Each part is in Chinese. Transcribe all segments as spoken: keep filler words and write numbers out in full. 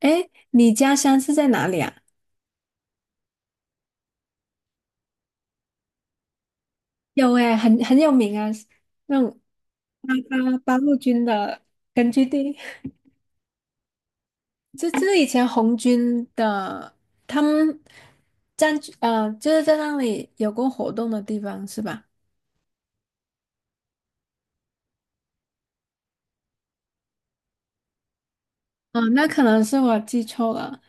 哎，你家乡是在哪里啊？有哎，很很有名啊，那种八八八路军的根据地。这这是以前红军的，他们占据呃，就是在那里有过活动的地方是吧？啊，那可能是我记错了，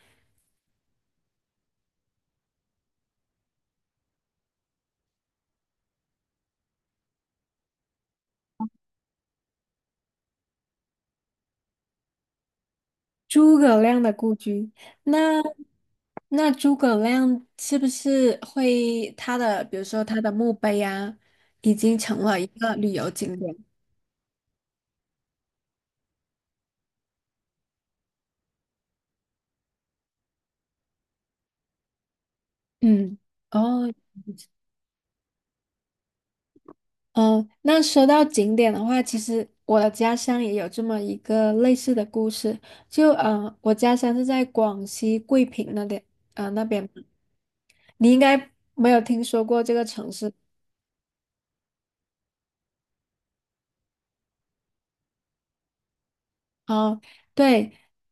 诸葛亮的故居。那那诸葛亮是不是会他的，比如说他的墓碑啊，已经成了一个旅游景点？嗯，哦。嗯，那说到景点的话，其实我的家乡也有这么一个类似的故事。就呃，我家乡是在广西桂平那边，呃，那边嘛你应该没有听说过这个城市。哦。对，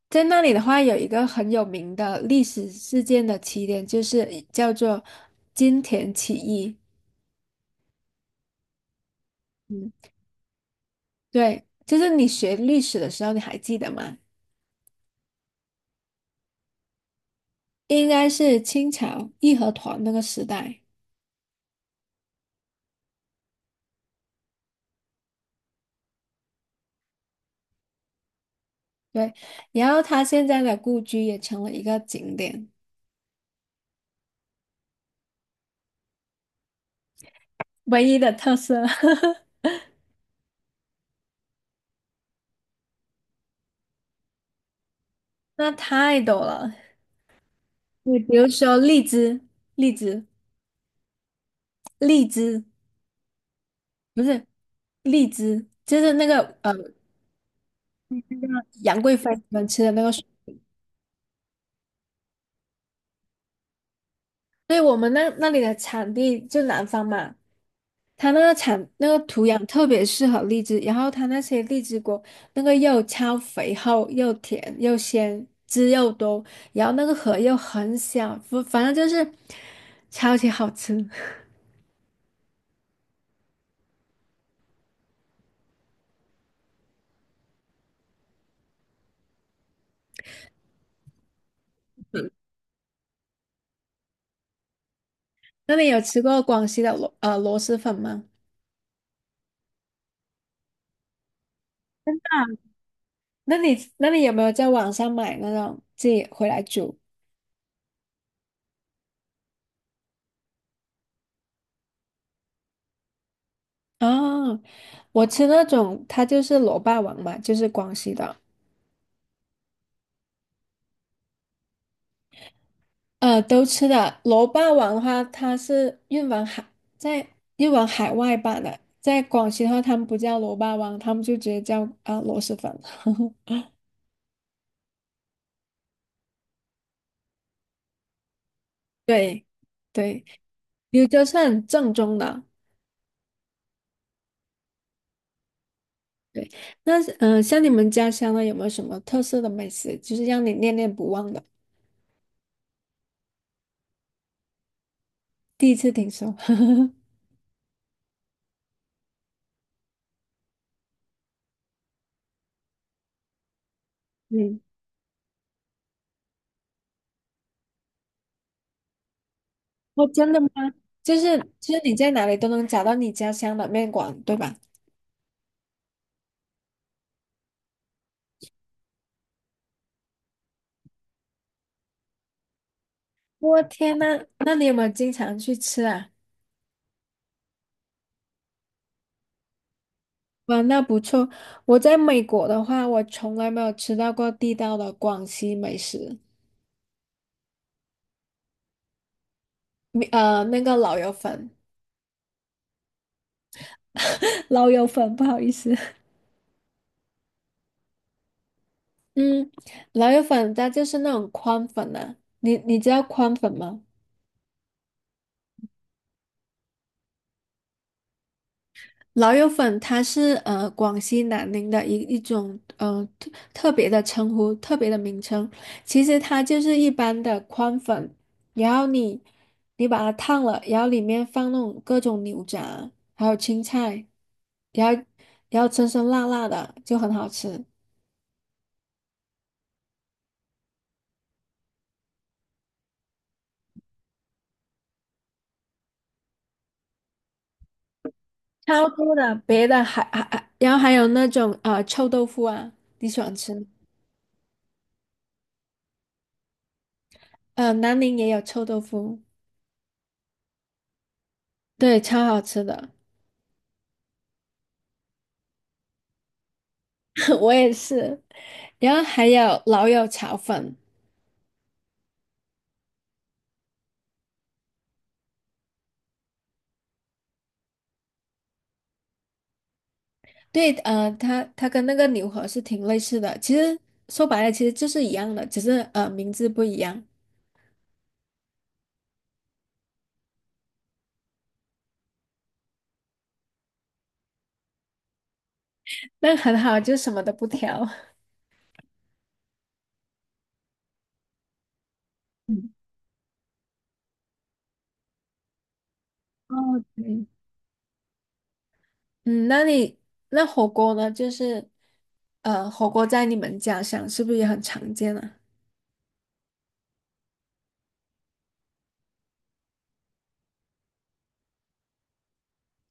在那里的话，有一个很有名的历史事件的起点，就是叫做金田起义。嗯，对，就是你学历史的时候，你还记得吗？应该是清朝义和团那个时代。对，然后他现在的故居也成了一个景点，唯一的特色。那太多了，你比如说荔枝，荔枝，荔枝不是荔枝，就是那个呃杨贵妃喜欢吃的那个水。所以我们那那里的产地就南方嘛，它那个产那个土壤特别适合荔枝，然后它那些荔枝果那个又超肥厚又甜又鲜，汁又多，然后那个核又很小，反反正就是超级好吃。那你有吃过广西的螺呃螺蛳粉吗？那你那你有没有在网上买那种自己回来煮？啊？我吃那种它就是螺霸王嘛，就是广西的。呃，都吃的。楼霸王的话，它是运往海，在运往海外版的。在广西的话，他们不叫楼霸王，他们就直接叫啊、呃螺蛳粉。对，对，柳州是很正宗的。对，那嗯、呃像你们家乡呢，有没有什么特色的美食，就是让你念念不忘的？第一次听说。嗯，哦，真的吗？就是就是你在哪里都能找到你家乡的面馆，对吧？我天呐，那你有没有经常去吃啊？哇，那不错。我在美国的话，我从来没有吃到过地道的广西美食，米呃，那个老友粉。老友粉，不好意思。嗯，老友粉它就是那种宽粉啊，你你知道宽粉吗？老友粉它是呃广西南宁的一一种呃特特别的称呼，特别的名称。其实它就是一般的宽粉，然后你你把它烫了，然后里面放那种各种牛杂，还有青菜，然后然后酸酸辣辣的就很好吃，超多的。别的还还还，然后还有那种呃臭豆腐啊，你喜欢吃吗？呃，南宁也有臭豆腐，对，超好吃的。我也是。然后还有老友炒粉，对，呃，它它跟那个牛河是挺类似的，其实说白了其实就是一样的，只是呃名字不一样。那很好，就什么都不挑。嗯，哦，对，嗯，那你那火锅呢？就是呃火锅在你们家乡是不是也很常见啊？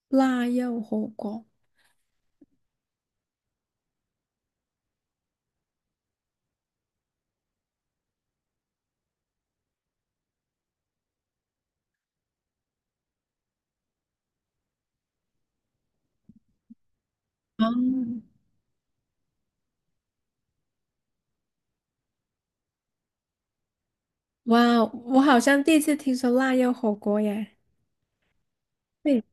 腊肉火锅，嗯。哇，我好像第一次听说腊肉火锅耶。对，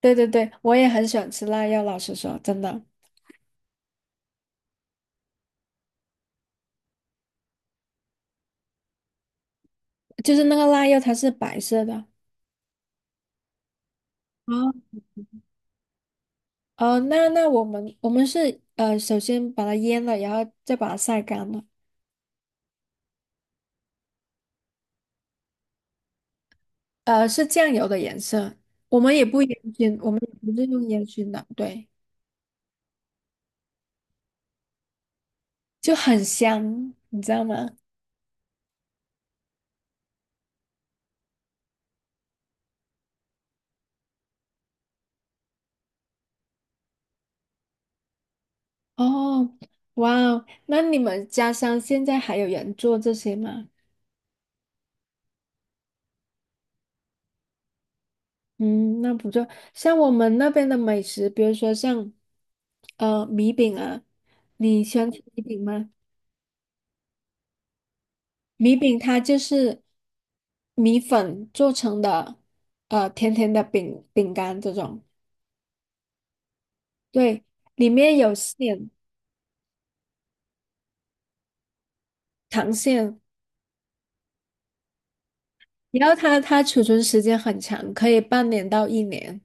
对对对，我也很喜欢吃腊肉，老实说，真的。就是那个腊肉，它是白色的。哦哦，那那我们我们是呃，首先把它腌了，然后再把它晒干了。呃，是酱油的颜色，我们也不烟熏，我们也不是用烟熏的，对，就很香，你知道吗？哦，哇哦，那你们家乡现在还有人做这些吗？嗯，那不做。像我们那边的美食，比如说像呃米饼啊，你喜欢吃米饼吗？米饼它就是米粉做成的，呃，甜甜的饼饼干这种。对，里面有馅，糖馅，然后它它储存时间很长，可以半年到一年，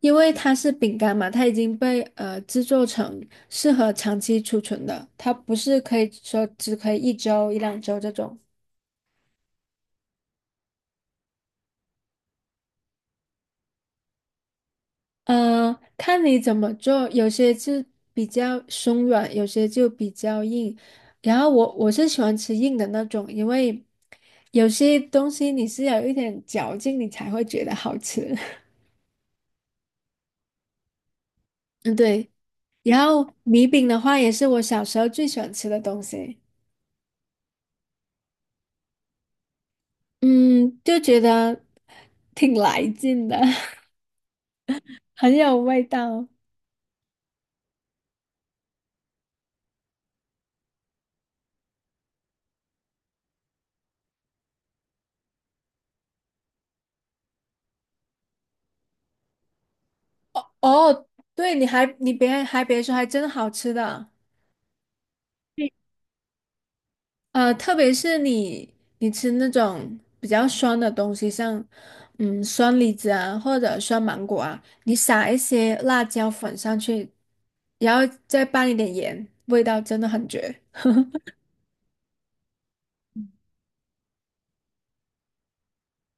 因为它是饼干嘛，它已经被呃制作成适合长期储存的，它不是可以说只可以一周一两周这种。嗯，看你怎么做，有些就比较松软，有些就比较硬。然后我我是喜欢吃硬的那种，因为有些东西你是要有一点嚼劲，你才会觉得好吃。嗯，对。然后米饼的话，也是我小时候最喜欢吃的东西。嗯，就觉得挺来劲的，很有味道。哦，对，你还你别还别说，还真好吃的。呃，特别是你你吃那种比较酸的东西，像嗯酸李子啊或者酸芒果啊，你撒一些辣椒粉上去，然后再拌一点盐，味道真的很绝。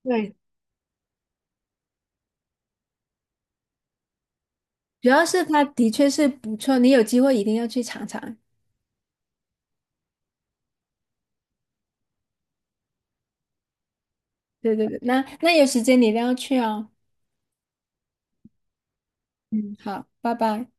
对，主要是它的确是不错，你有机会一定要去尝尝。对对对，那那有时间你一定要去哦。嗯，好，拜拜。